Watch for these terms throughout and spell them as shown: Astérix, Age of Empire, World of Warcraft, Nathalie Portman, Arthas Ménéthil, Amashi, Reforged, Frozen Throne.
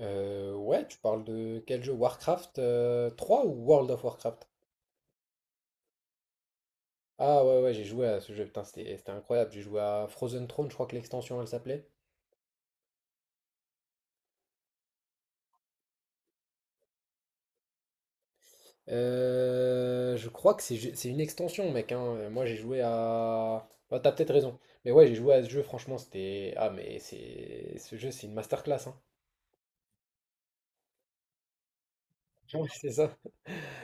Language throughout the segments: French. Ouais, tu parles de quel jeu? Warcraft 3 ou World of Warcraft? Ah ouais, ouais, j'ai joué à ce jeu, putain, c'était incroyable. J'ai joué à Frozen Throne, je crois que l'extension elle s'appelait. Je crois que c'est une extension, mec, hein. Moi j'ai joué à. Bah, t'as peut-être raison. Mais ouais, j'ai joué à ce jeu, franchement, c'était. Ah, mais c'est. Ce jeu, c'est une masterclass, hein. Ouais, c'est ça,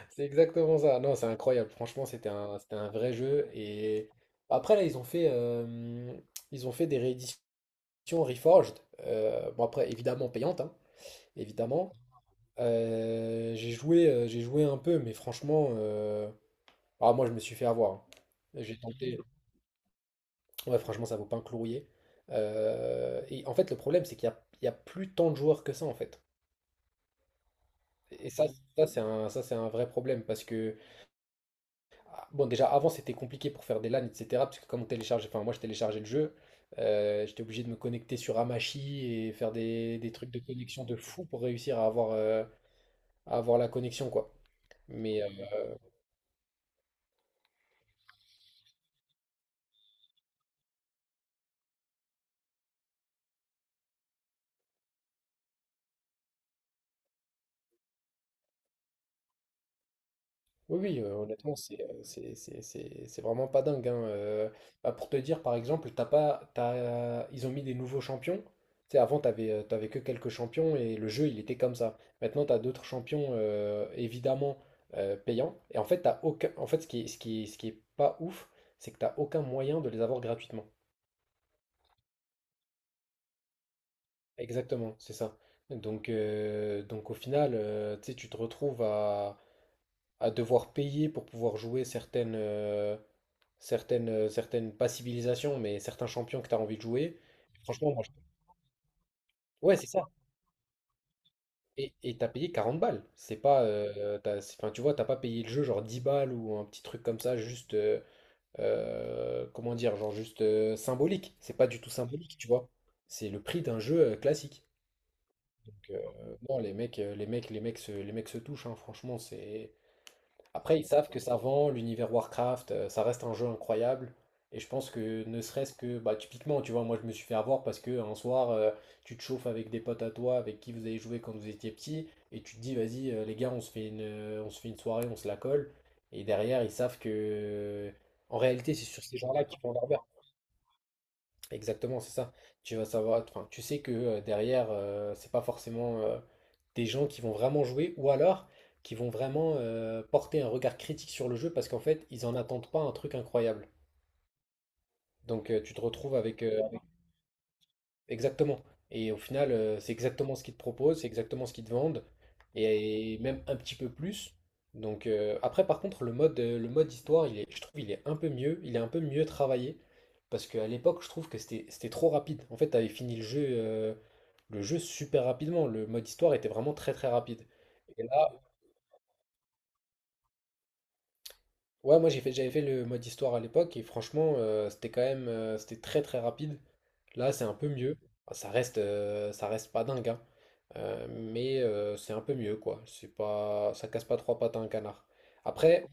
c'est exactement ça. Non, c'est incroyable, franchement, c'était un vrai jeu. Et après, là, ils ont fait des rééditions. Version Reforged, bon après évidemment payante, hein, évidemment. J'ai joué un peu, mais franchement, moi je me suis fait avoir, hein. J'ai tenté, ouais franchement ça vaut pas un clouier. Et en fait le problème c'est il y a plus tant de joueurs que ça en fait. Et ça, ça c'est un vrai problème parce que bon déjà avant c'était compliqué pour faire des LAN etc. Parce que comme on télécharge, enfin moi je téléchargeais le jeu, j'étais obligé de me connecter sur Amashi et faire des trucs de connexion de fou pour réussir à avoir la connexion, quoi. Mais euh, oui, oui, honnêtement, c'est vraiment pas dingue, hein. Bah, pour te dire, par exemple, t'as pas, t'as- ils ont mis des nouveaux champions. Tu sais, avant, t'avais que quelques champions et le jeu, il était comme ça. Maintenant, t'as d'autres champions, évidemment, payants. Et en fait, t'as aucun... en fait, ce qui est pas ouf, c'est que t'as aucun moyen de les avoir gratuitement. Exactement, c'est ça. Donc au final, tu sais, tu te retrouves à devoir payer pour pouvoir jouer certaines, pas civilisations, mais certains champions que tu as envie de jouer. Franchement, moi, je- ouais, c'est ça. Et t'as payé 40 balles. C'est pas, t'as- c'est- Enfin, tu vois, t'as pas payé le jeu genre 10 balles ou un petit truc comme ça, comment dire, genre juste symbolique. C'est pas du tout symbolique, tu vois. C'est le prix d'un jeu classique. Donc, euh, non, les mecs se touchent, hein. Franchement, c'est. Après, ils savent que ça vend, l'univers Warcraft, ça reste un jeu incroyable. Et je pense que ne serait-ce que, bah, typiquement, tu vois, moi je me suis fait avoir parce que un soir, tu te chauffes avec des potes à toi, avec qui vous avez joué quand vous étiez petit, et tu te dis, vas-y, les gars, on se fait une soirée, on se la colle. Et derrière, ils savent que, en réalité, c'est sur ces gens-là qu'ils font leur beurre. Exactement, c'est ça. Tu vas savoir, enfin, tu sais que derrière, c'est pas forcément des gens qui vont vraiment jouer ou alors qui vont vraiment porter un regard critique sur le jeu parce qu'en fait, ils en attendent pas un truc incroyable. Donc, tu te retrouves avec Exactement. Et au final, c'est exactement ce qu'ils te proposent, c'est exactement ce qu'ils te vendent, et même un petit peu plus. Après, par contre, le mode histoire, il est, je trouve, il est un peu mieux, il est un peu mieux travaillé, parce qu'à l'époque, je trouve que c'était, c'était trop rapide. En fait, t'avais fini le jeu super rapidement. Le mode histoire était vraiment très très rapide. Et là, Ouais, j'avais fait le mode histoire à l'époque et franchement, c'était quand même, c'était très très rapide. Là, c'est un peu mieux. Enfin, ça reste, ça reste pas dingue, hein. Mais c'est un peu mieux, quoi. C'est pas, ça casse pas trois pattes à un canard. Après,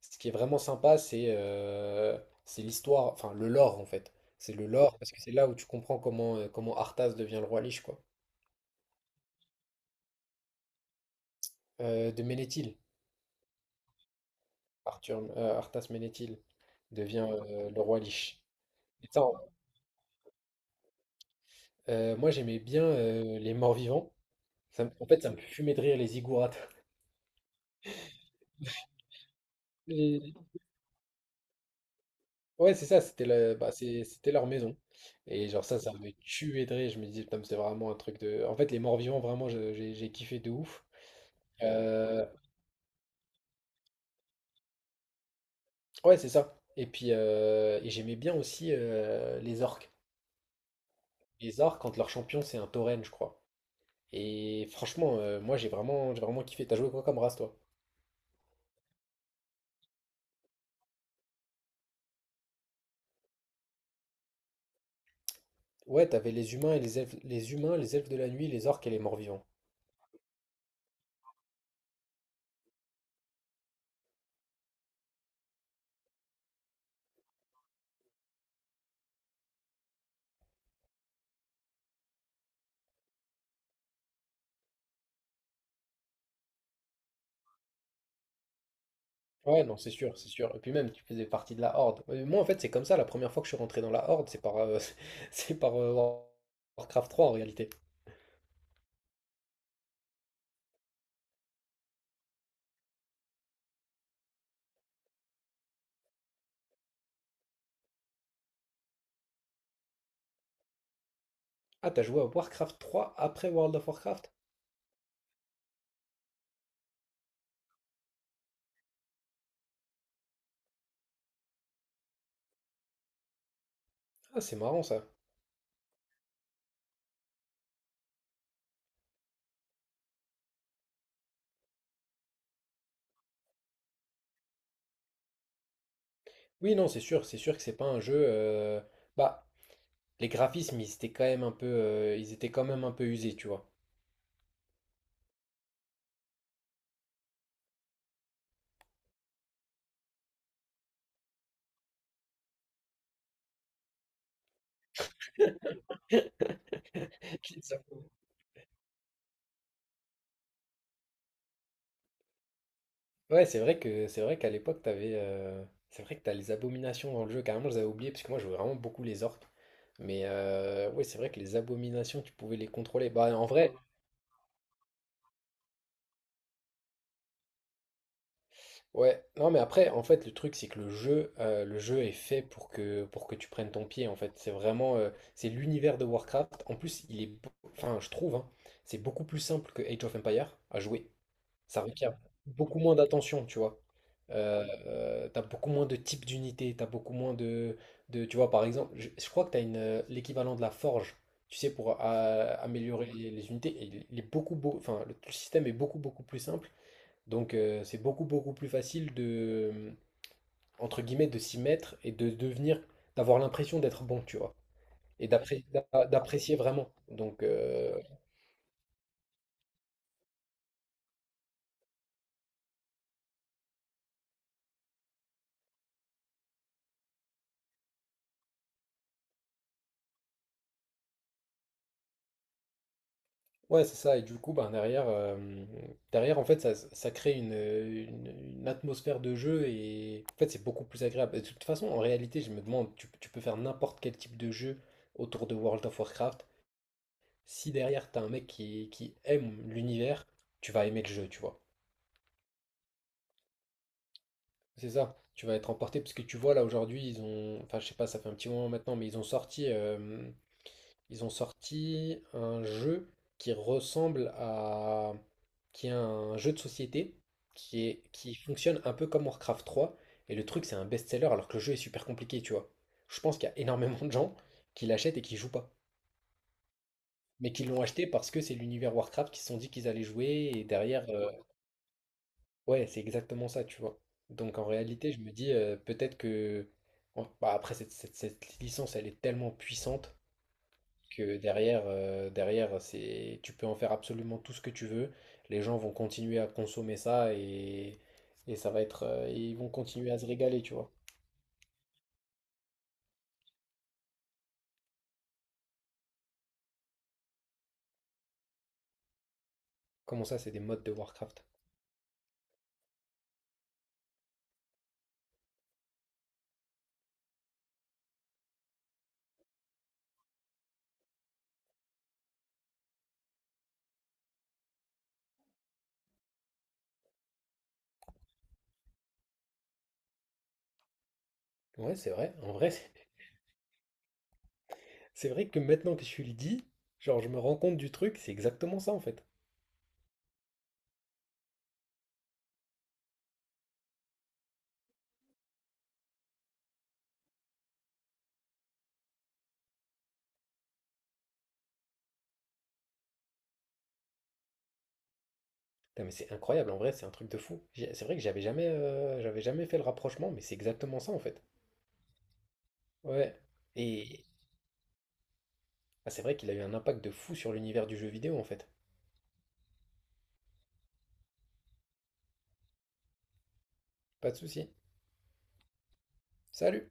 ce qui est vraiment sympa, c'est l'histoire, enfin le lore en fait. C'est le lore parce que c'est là où tu comprends comment Arthas devient le roi Lich, quoi. De Ménéthil. Arthas Ménéthil devient le roi Lich. Et ça. Moi, j'aimais bien, les morts-vivants. Ça me En fait, ça me fumait de rire les ziggourats. Les Ouais, c'est ça, c'était le bah, c'était leur maison et genre ça, ça me tuait de rire. Je me disais: «Putain, mais c'est vraiment un truc de» en fait, les morts-vivants, vraiment, je j'ai kiffé de ouf. Heu, ouais, c'est ça et puis, et j'aimais bien aussi, les orques. Les orques, quand leur champion, c'est un tauren, je crois et franchement, j'ai vraiment kiffé. T'as joué quoi comme race, toi? Ouais, t'avais les humains et les elfes les humains, les elfes de la nuit, les orques et les morts-vivants. Ouais, non, c'est sûr, c'est sûr. Et puis même, tu faisais partie de la Horde. Moi, en fait, c'est comme ça. La première fois que je suis rentré dans la Horde, c'est par euh, War- Warcraft 3 en réalité. Ah, t'as joué à Warcraft 3 après World of Warcraft? Ah, c'est marrant ça. Oui, non, c'est sûr que c'est pas un jeu. Bah, les graphismes, ils étaient quand même un peu, ils étaient quand même un peu usés, tu vois. Ouais, c'est vrai que c'est vrai qu'à l'époque, c'est vrai que t'as les abominations dans le jeu. Carrément, je les avais oubliées parce que moi, je jouais vraiment beaucoup les orques. Mais ouais, c'est vrai que les abominations, tu pouvais les contrôler. Bah, en vrai, ouais. Non, mais après, en fait, le truc, c'est que le jeu est fait pour que tu prennes ton pied. En fait, c'est vraiment, c'est l'univers de Warcraft. En plus, enfin, je trouve, hein, c'est beaucoup plus simple que Age of Empire à jouer. Ça requiert beaucoup moins d'attention, tu vois. Oui. T'as beaucoup moins de types d'unités, t'as beaucoup moins de- tu vois, par exemple, je crois que l'équivalent de la forge, tu sais, pour améliorer les unités. Il est beaucoup, beau, enfin, le système est beaucoup, beaucoup plus simple. C'est beaucoup, beaucoup plus facile de, euh, entre guillemets, de s'y mettre et de devenir, d'avoir l'impression d'être bon, tu vois. Et d'apré- d'apprécier vraiment. Ouais, c'est ça. Et du coup, derrière, en fait, ça crée une atmosphère de jeu et en fait, c'est beaucoup plus agréable. Et de toute façon, en réalité, je me demande, tu peux faire n'importe quel type de jeu autour de World of Warcraft. Si derrière, t'as un mec qui aime l'univers, tu vas aimer le jeu, tu vois. C'est ça. Tu vas être emporté parce que tu vois, là, aujourd'hui, ils ont, enfin, je sais pas, ça fait un petit moment maintenant, mais ils ont sorti un jeu qui ressemble à... qui est un jeu de société qui est... qui fonctionne un peu comme Warcraft 3. Et le truc, c'est un best-seller alors que le jeu est super compliqué, tu vois. Je pense qu'il y a énormément de gens qui l'achètent et qui jouent pas. Mais qui l'ont acheté parce que c'est l'univers Warcraft qui se sont dit qu'ils allaient jouer. Ouais, c'est exactement ça, tu vois. Donc en réalité, je me dis peut-être que... Bon, bah, après, cette licence, elle est tellement puissante que derrière c'est, tu peux en faire absolument tout ce que tu veux. Les gens vont continuer à consommer ça et ça va être, ils vont continuer à se régaler, tu vois. Comment ça, c'est des modes de Warcraft? Ouais, c'est vrai. En vrai, C'est vrai que maintenant que je le dis, genre, je me rends compte du truc, c'est exactement ça en fait. Putain, mais c'est incroyable, en vrai, c'est un truc de fou. C'est vrai que j'avais jamais fait le rapprochement, mais c'est exactement ça en fait. Ouais. Et ah, c'est vrai qu'il a eu un impact de fou sur l'univers du jeu vidéo en fait. Pas de souci. Salut!